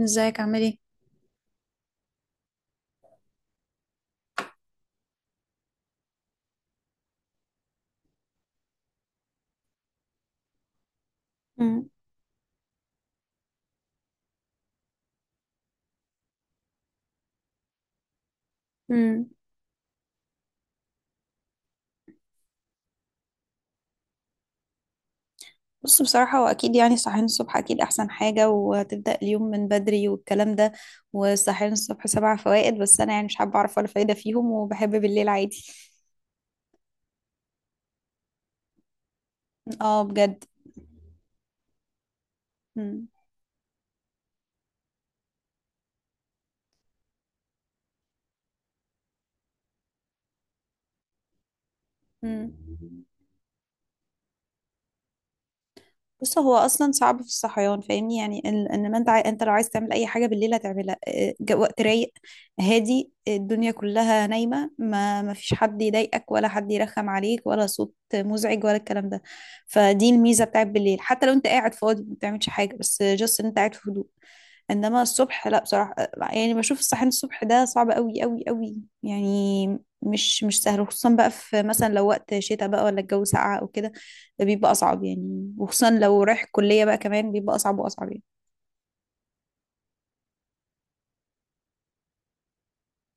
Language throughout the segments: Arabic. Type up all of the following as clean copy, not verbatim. ازيك عامل ايه؟ مم. مم. بص، بصراحة هو أكيد يعني الصحيان الصبح أكيد أحسن حاجة، وتبدأ اليوم من بدري والكلام ده. والصحيان الصبح سبع فوائد، بس أنا يعني مش حابة أعرف ولا فايدة فيهم وبحب بالليل عادي. اه بجد. مم. مم. بص، هو اصلا صعب في الصحيان، فاهمني؟ يعني ان إن ما انت عاي... انت لو عايز تعمل اي حاجه بالليل هتعملها، وقت رايق، هادي، الدنيا كلها نايمه، ما فيش حد يضايقك ولا حد يرخم عليك ولا صوت مزعج ولا الكلام ده. فدي الميزه بتاعت بالليل، حتى لو انت قاعد فاضي ما بتعملش حاجه، بس جاست ان انت قاعد في هدوء. انما الصبح لا بصراحه، يعني بشوف الصحيان الصبح ده صعب قوي قوي قوي يعني، مش سهل، خصوصا بقى في مثلا لو وقت شتاء بقى ولا الجو ساقع او كده، ده بيبقى اصعب يعني، وخصوصا لو رايح الكليه بقى كمان بيبقى اصعب واصعب يعني.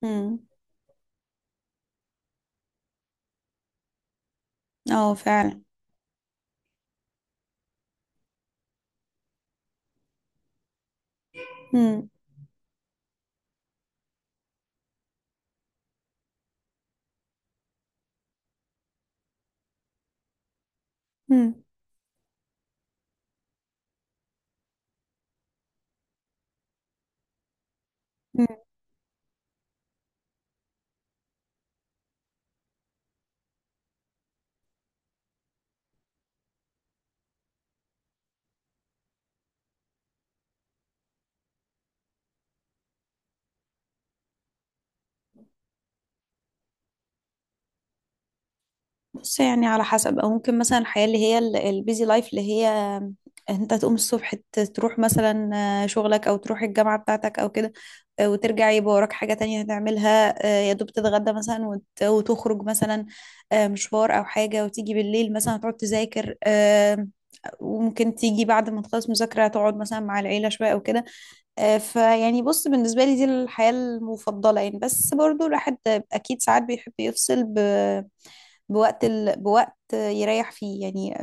امم. اه فعلا. امم. بص، يعني على حسب، او ممكن مثلا الحياه اللي هي البيزي لايف، اللي هي انت تقوم الصبح تروح مثلا شغلك او تروح الجامعه بتاعتك او كده، وترجع يبقى وراك حاجه تانية هتعملها، يا دوب تتغدى مثلا وت- وتخرج مثلا مشوار او حاجه، وتيجي بالليل مثلا هتقعد تذاكر، وممكن تيجي بعد ما تخلص مذاكره تقعد مثلا مع العيله شويه او كده. فيعني بص، بالنسبه لي دي الحياه المفضله يعني. بس برضو الواحد اكيد ساعات بيحب يفصل بوقت يريح فيه يعني،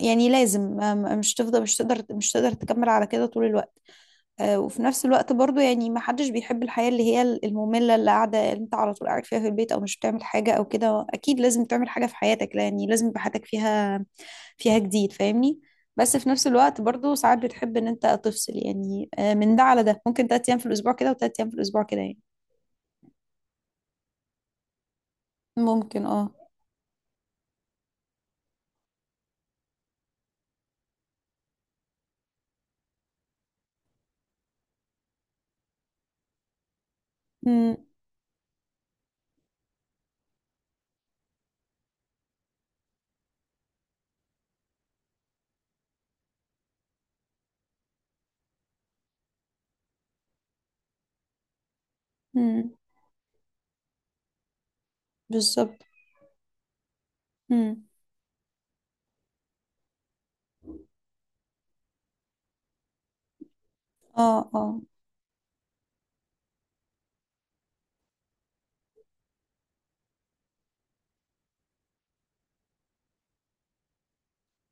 يعني لازم مش تقدر تكمل على كده طول الوقت. وفي نفس الوقت برضو يعني ما حدش بيحب الحياة اللي هي المملة، اللي قاعدة اللي انت على طول قاعد فيها في البيت او مش بتعمل حاجة او كده، اكيد لازم تعمل حاجة في حياتك، يعني لازم يبقى حياتك فيها جديد، فاهمني. بس في نفس الوقت برضو ساعات بتحب ان انت تفصل يعني، من ده على ده، ممكن تلات ايام في الاسبوع كده وتلات ايام في الاسبوع كده يعني. ممكن اه. امم. امم. بالظبط. امم. اه اه.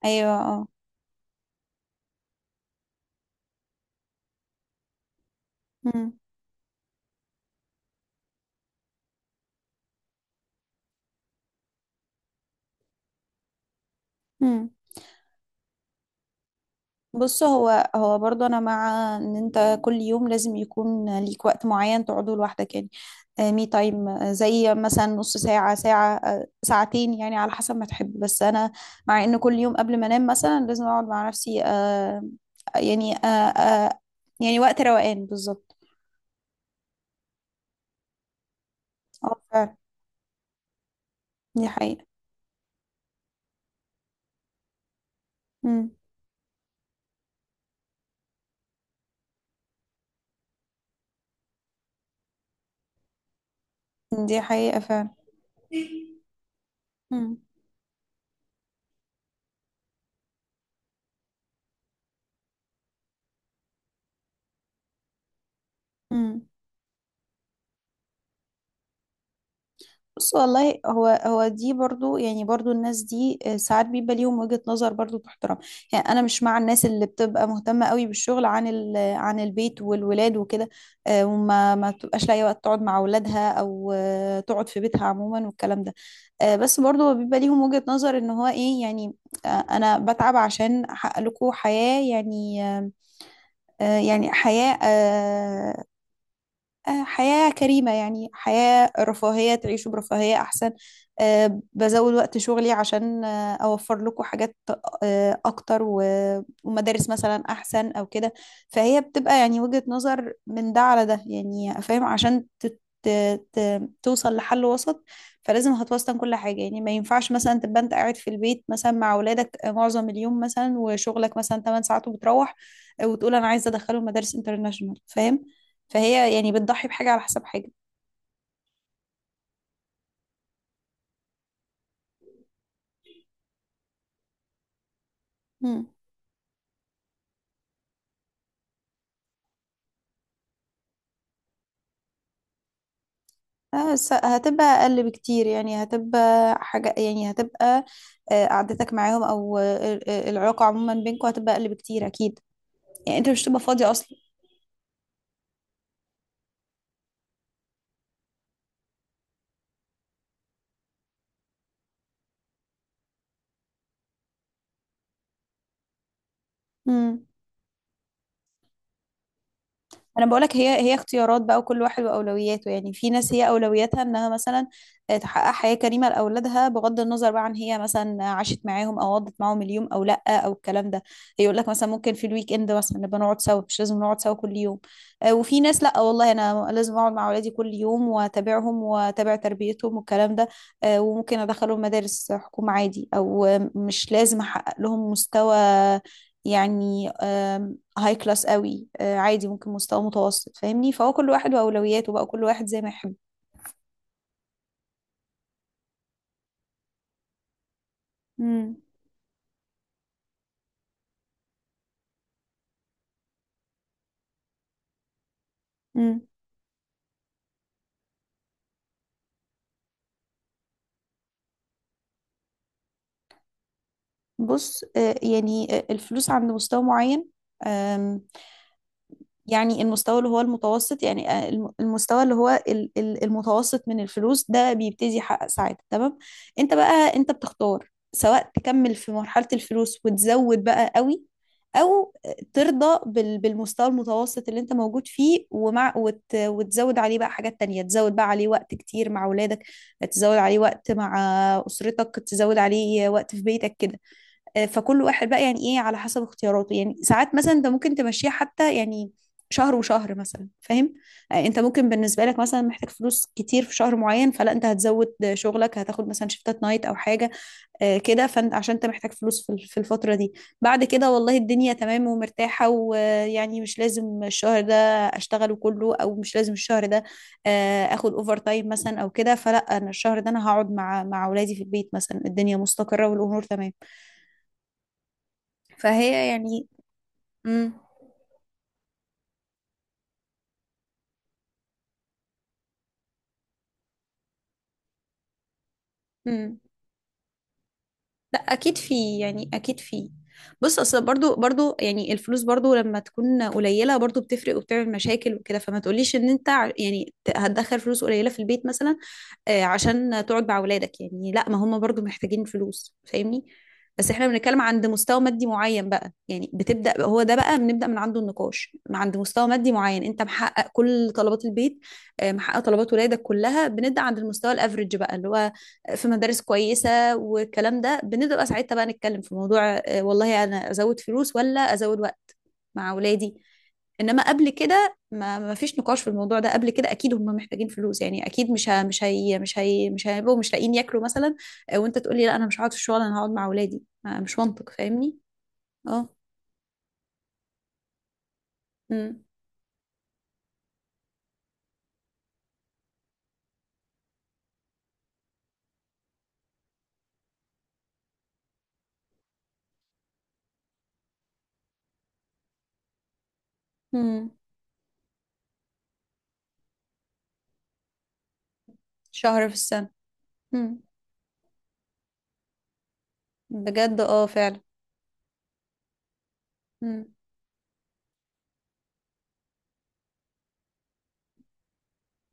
ايوه اه. مم. مم. بص، هو برضه انا مع ان انت كل يوم لازم يكون ليك وقت معين تقعده لوحدك يعني، مي تايم، زي مثلا نص ساعة، ساعة، ساعتين يعني على حسب ما تحب. بس انا مع ان كل يوم قبل ما انام مثلا لازم اقعد مع نفسي، آه، يعني آه آه يعني وقت روقان بالظبط. اه فعلا. دي حقيقة. مم. دي حقيقة فعلا. مم. مم. بص والله، هو دي برضو، يعني برضو الناس دي ساعات بيبقى ليهم وجهة نظر برضو تحترم. يعني انا مش مع الناس اللي بتبقى مهتمة قوي بالشغل عن عن البيت والولاد وكده، آه، وما ما بتبقاش لاقي وقت تقعد مع اولادها او تقعد في بيتها عموما والكلام ده. بس برضو هو بيبقى ليهم وجهة نظر، ان هو ايه يعني، انا بتعب عشان احقق لكم حياة يعني آه، آه، يعني حياة آه، آه، حياة كريمة يعني، حياة رفاهية تعيشوا برفاهية أحسن، بزود وقت شغلي عشان أوفر لكم حاجات أكتر و ومدارس مثلا أحسن أو كده. فهي بتبقى يعني وجهة نظر من ده على ده يعني، فاهم؟ عشان توصل لحل وسط، فلازم هتوسطن كل حاجة يعني. ما ينفعش مثلا تبقى أنت قاعد في البيت مثلا مع أولادك معظم اليوم مثلا وشغلك مثلا 8 ساعات، وبتروح وتقول أنا عايزة أدخلهم مدارس انترناشونال، فاهم؟ فهي يعني بتضحي بحاجة على حساب حاجة. مم. بس هتبقى أقل بكتير يعني، هتبقى حاجة يعني هتبقى آه، قعدتك معاهم أو العلاقة عموما بينكم هتبقى أقل بكتير أكيد، يعني أنت مش هتبقى فاضية أصلا. مم. انا بقولك، هي اختيارات بقى، وكل واحد واولوياته. يعني في ناس هي اولوياتها انها مثلا تحقق حياة كريمة لاولادها، بغض النظر بقى عن هي مثلا عاشت معاهم او قضت معاهم اليوم او لا او الكلام ده. يقول لك مثلا ممكن في الويك اند مثلا نبقى نقعد سوا، مش لازم نقعد سوا كل يوم. وفي ناس لا والله، انا لازم اقعد مع اولادي كل يوم واتابعهم واتابع تربيتهم والكلام ده، وممكن ادخلهم مدارس حكومة عادي، او مش لازم احقق لهم مستوى يعني هاي كلاس قوي، عادي ممكن مستوى متوسط، فاهمني؟ فهو كل واحد واولوياته بقى، كل واحد زي ما يحب. امم. امم. بص الفلوس عند مستوى معين، يعني المستوى اللي هو المتوسط، يعني المستوى اللي هو المتوسط من الفلوس، ده بيبتدي يحقق سعادة تمام. انت بقى انت بتختار، سواء تكمل في مرحلة الفلوس وتزود بقى قوي، او ترضى بالمستوى المتوسط اللي انت موجود فيه، ومع وت وتزود عليه بقى حاجات تانية، تزود بقى عليه وقت كتير مع اولادك، تزود عليه وقت مع اسرتك، تزود عليه وقت في بيتك كده. فكل واحد بقى يعني ايه على حسب اختياراته. يعني ساعات مثلا انت ممكن تمشيها حتى يعني شهر وشهر مثلا، فاهم؟ انت ممكن بالنسبه لك مثلا محتاج فلوس كتير في شهر معين، فلا انت هتزود شغلك، هتاخد مثلا شيفتات نايت او حاجه كده، فانت عشان انت محتاج فلوس في الفتره دي. بعد كده والله الدنيا تمام ومرتاحه، ويعني مش لازم الشهر ده اشتغله كله، او مش لازم الشهر ده اخد اوفر تايم مثلا او كده، فلا انا الشهر ده انا هقعد مع اولادي في البيت مثلا، الدنيا مستقره والامور تمام. فهي يعني. امم. امم. لا اكيد في، يعني اكيد في. بص اصل برضو يعني الفلوس برضو لما تكون قليله برضو بتفرق وبتعمل مشاكل وكده، فما تقوليش ان انت هتدخل فلوس قليله في البيت مثلا عشان تقعد مع اولادك، يعني لا، ما هم برضو محتاجين فلوس، فاهمني؟ بس احنا بنتكلم عند مستوى مادي معين بقى يعني، بتبدا هو ده بقى بنبدا من عنده النقاش، عند مستوى مادي معين انت محقق كل طلبات البيت، محقق طلبات ولادك كلها، بنبدا عند المستوى الافريج بقى، اللي هو في مدارس كويسه والكلام ده، بنبقى ساعتها بقى نتكلم في موضوع والله انا ازود فلوس ولا ازود وقت مع اولادي. انما قبل كده، ما فيش نقاش في الموضوع ده قبل كده، اكيد هم محتاجين فلوس يعني، اكيد مش ه... مش هي... مش هي... مش هيبقوا مش لاقيين ياكلوا مثلا وانت تقول لي لا انا مش هقعد في الشغل انا هقعد مع اولادي، مش منطق، فاهمني؟ اه. امم. امم. شهر في السنة. امم. بجد اه فعلا. مم.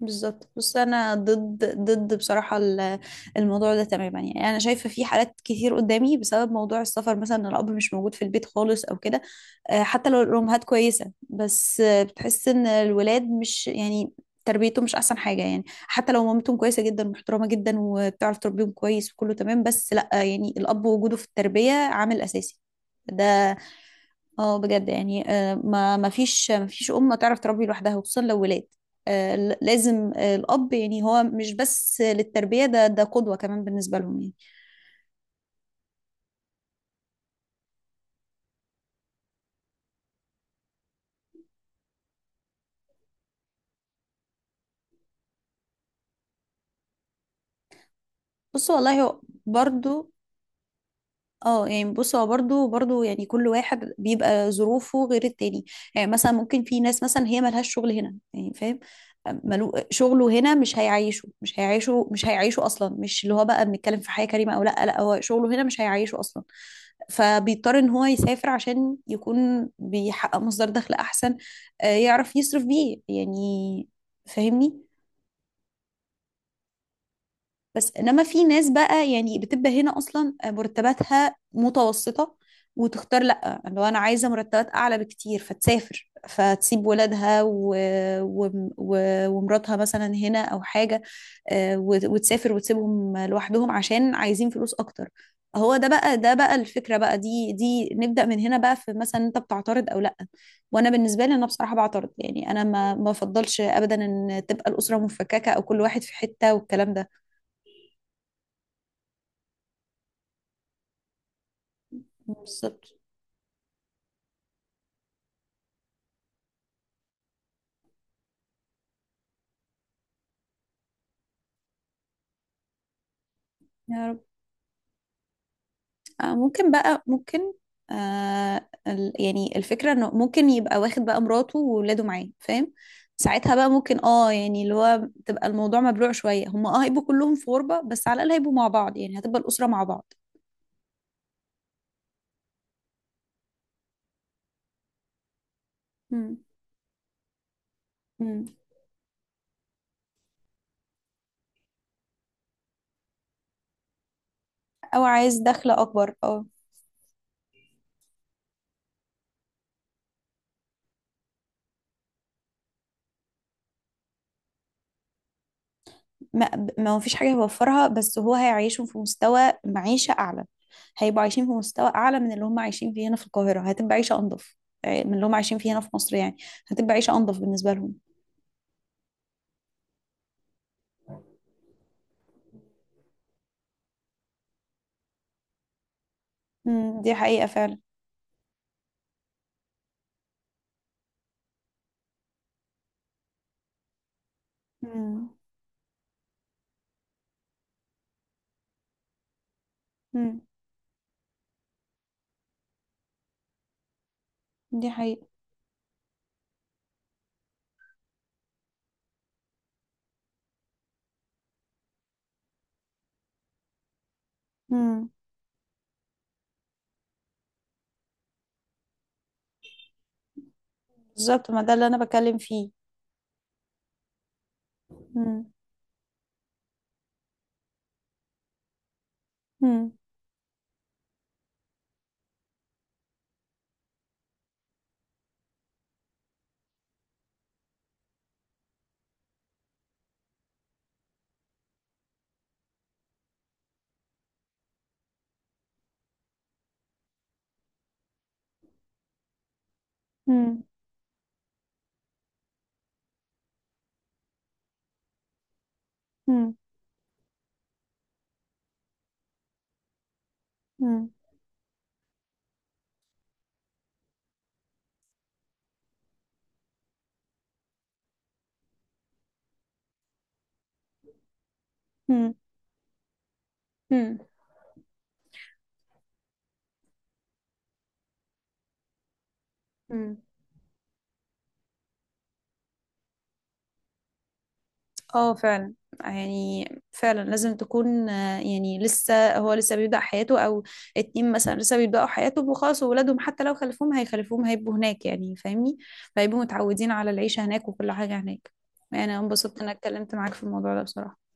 بالظبط. بص انا ضد بصراحه الموضوع ده تماما يعني. انا شايفه في حالات كتير قدامي بسبب موضوع السفر مثلا، إن الاب مش موجود في البيت خالص او كده. حتى لو الامهات كويسه بس بتحس ان الولاد مش يعني تربيتهم مش احسن حاجه، يعني حتى لو مامتهم كويسه جدا ومحترمه جدا وبتعرف تربيهم كويس وكله تمام، بس لا، يعني الاب وجوده في التربيه عامل اساسي ده. اه بجد يعني ما فيش أم تعرف تربي لوحدها، وخصوصا لو ولاد، آه، ل- لازم آه، الأب يعني، هو مش بس للتربية، ده ده قدوة كمان بالنسبة لهم يعني. بص والله هو برضو اه يعني. بص هو برضه يعني كل واحد بيبقى ظروفه غير التاني يعني. مثلا ممكن في ناس مثلا هي ملهاش شغل هنا يعني، فاهم؟ ملو شغله هنا مش هيعيشه، مش هيعيشه اصلا، مش اللي هو بقى بنتكلم في حياة كريمة او لا، لا هو شغله هنا مش هيعيشه اصلا، فبيضطر ان هو يسافر عشان يكون بيحقق مصدر دخل احسن يعرف يصرف بيه يعني، فاهمني؟ بس انما في ناس بقى يعني بتبقى هنا اصلا مرتباتها متوسطة، وتختار لا، لو انا عايزة مرتبات اعلى بكتير فتسافر، فتسيب ولادها و... و... و... ومراتها مثلا هنا او حاجة، آه، وت- وتسافر وتسيبهم لوحدهم عشان عايزين فلوس اكتر. هو ده بقى ده بقى الفكرة بقى، دي دي نبدأ من هنا بقى، في مثلا انت بتعترض او لا؟ وانا بالنسبة لي انا بصراحة بعترض، يعني انا ما بفضلش ابدا ان تبقى الأسرة مفككة او كل واحد في حتة والكلام ده. بالظبط. يا رب. آه ممكن بقى ممكن، آه يعني الفكرة انه ممكن يبقى واخد بقى مراته وولاده معاه، فاهم؟ ساعتها بقى ممكن اه، يعني اللي هو تبقى الموضوع مبلوع شوية، هم اه هيبقوا كلهم في غربة بس على الأقل هيبقوا مع بعض يعني، هتبقى الأسرة مع بعض. مم. مم. او عايز دخل اكبر، اه. ما ما هو فيش حاجة هيوفرها، بس هو هيعيشهم في مستوى معيشة أعلى، هيبقوا عايشين في مستوى أعلى من اللي هم عايشين فيه هنا في القاهرة، هتبقى عيشة أنظف من اللي هم عايشين فيه هنا في مصر يعني، هتبقى عيشة أنظف بالنسبة لهم. مم، دي حقيقة فعلا. مم، مم، دي حقيقة. مم، بالظبط، ما ده اللي أنا بتكلم فيه. مم، مم، مم، مم، مم، مم، مم، مم. اه فعلا. يعني فعلا لازم تكون يعني لسه هو لسه بيبدأ حياته، او اتنين مثلا لسه بيبدأوا حياتهم وخلاص، وولادهم حتى لو خلفوهم هيخلفوهم هيبقوا هناك يعني فاهمني، فهيبقوا متعودين على العيشة هناك وكل حاجة هناك. يعني انا انبسطت انك اتكلمت معاك في الموضوع ده بصراحة.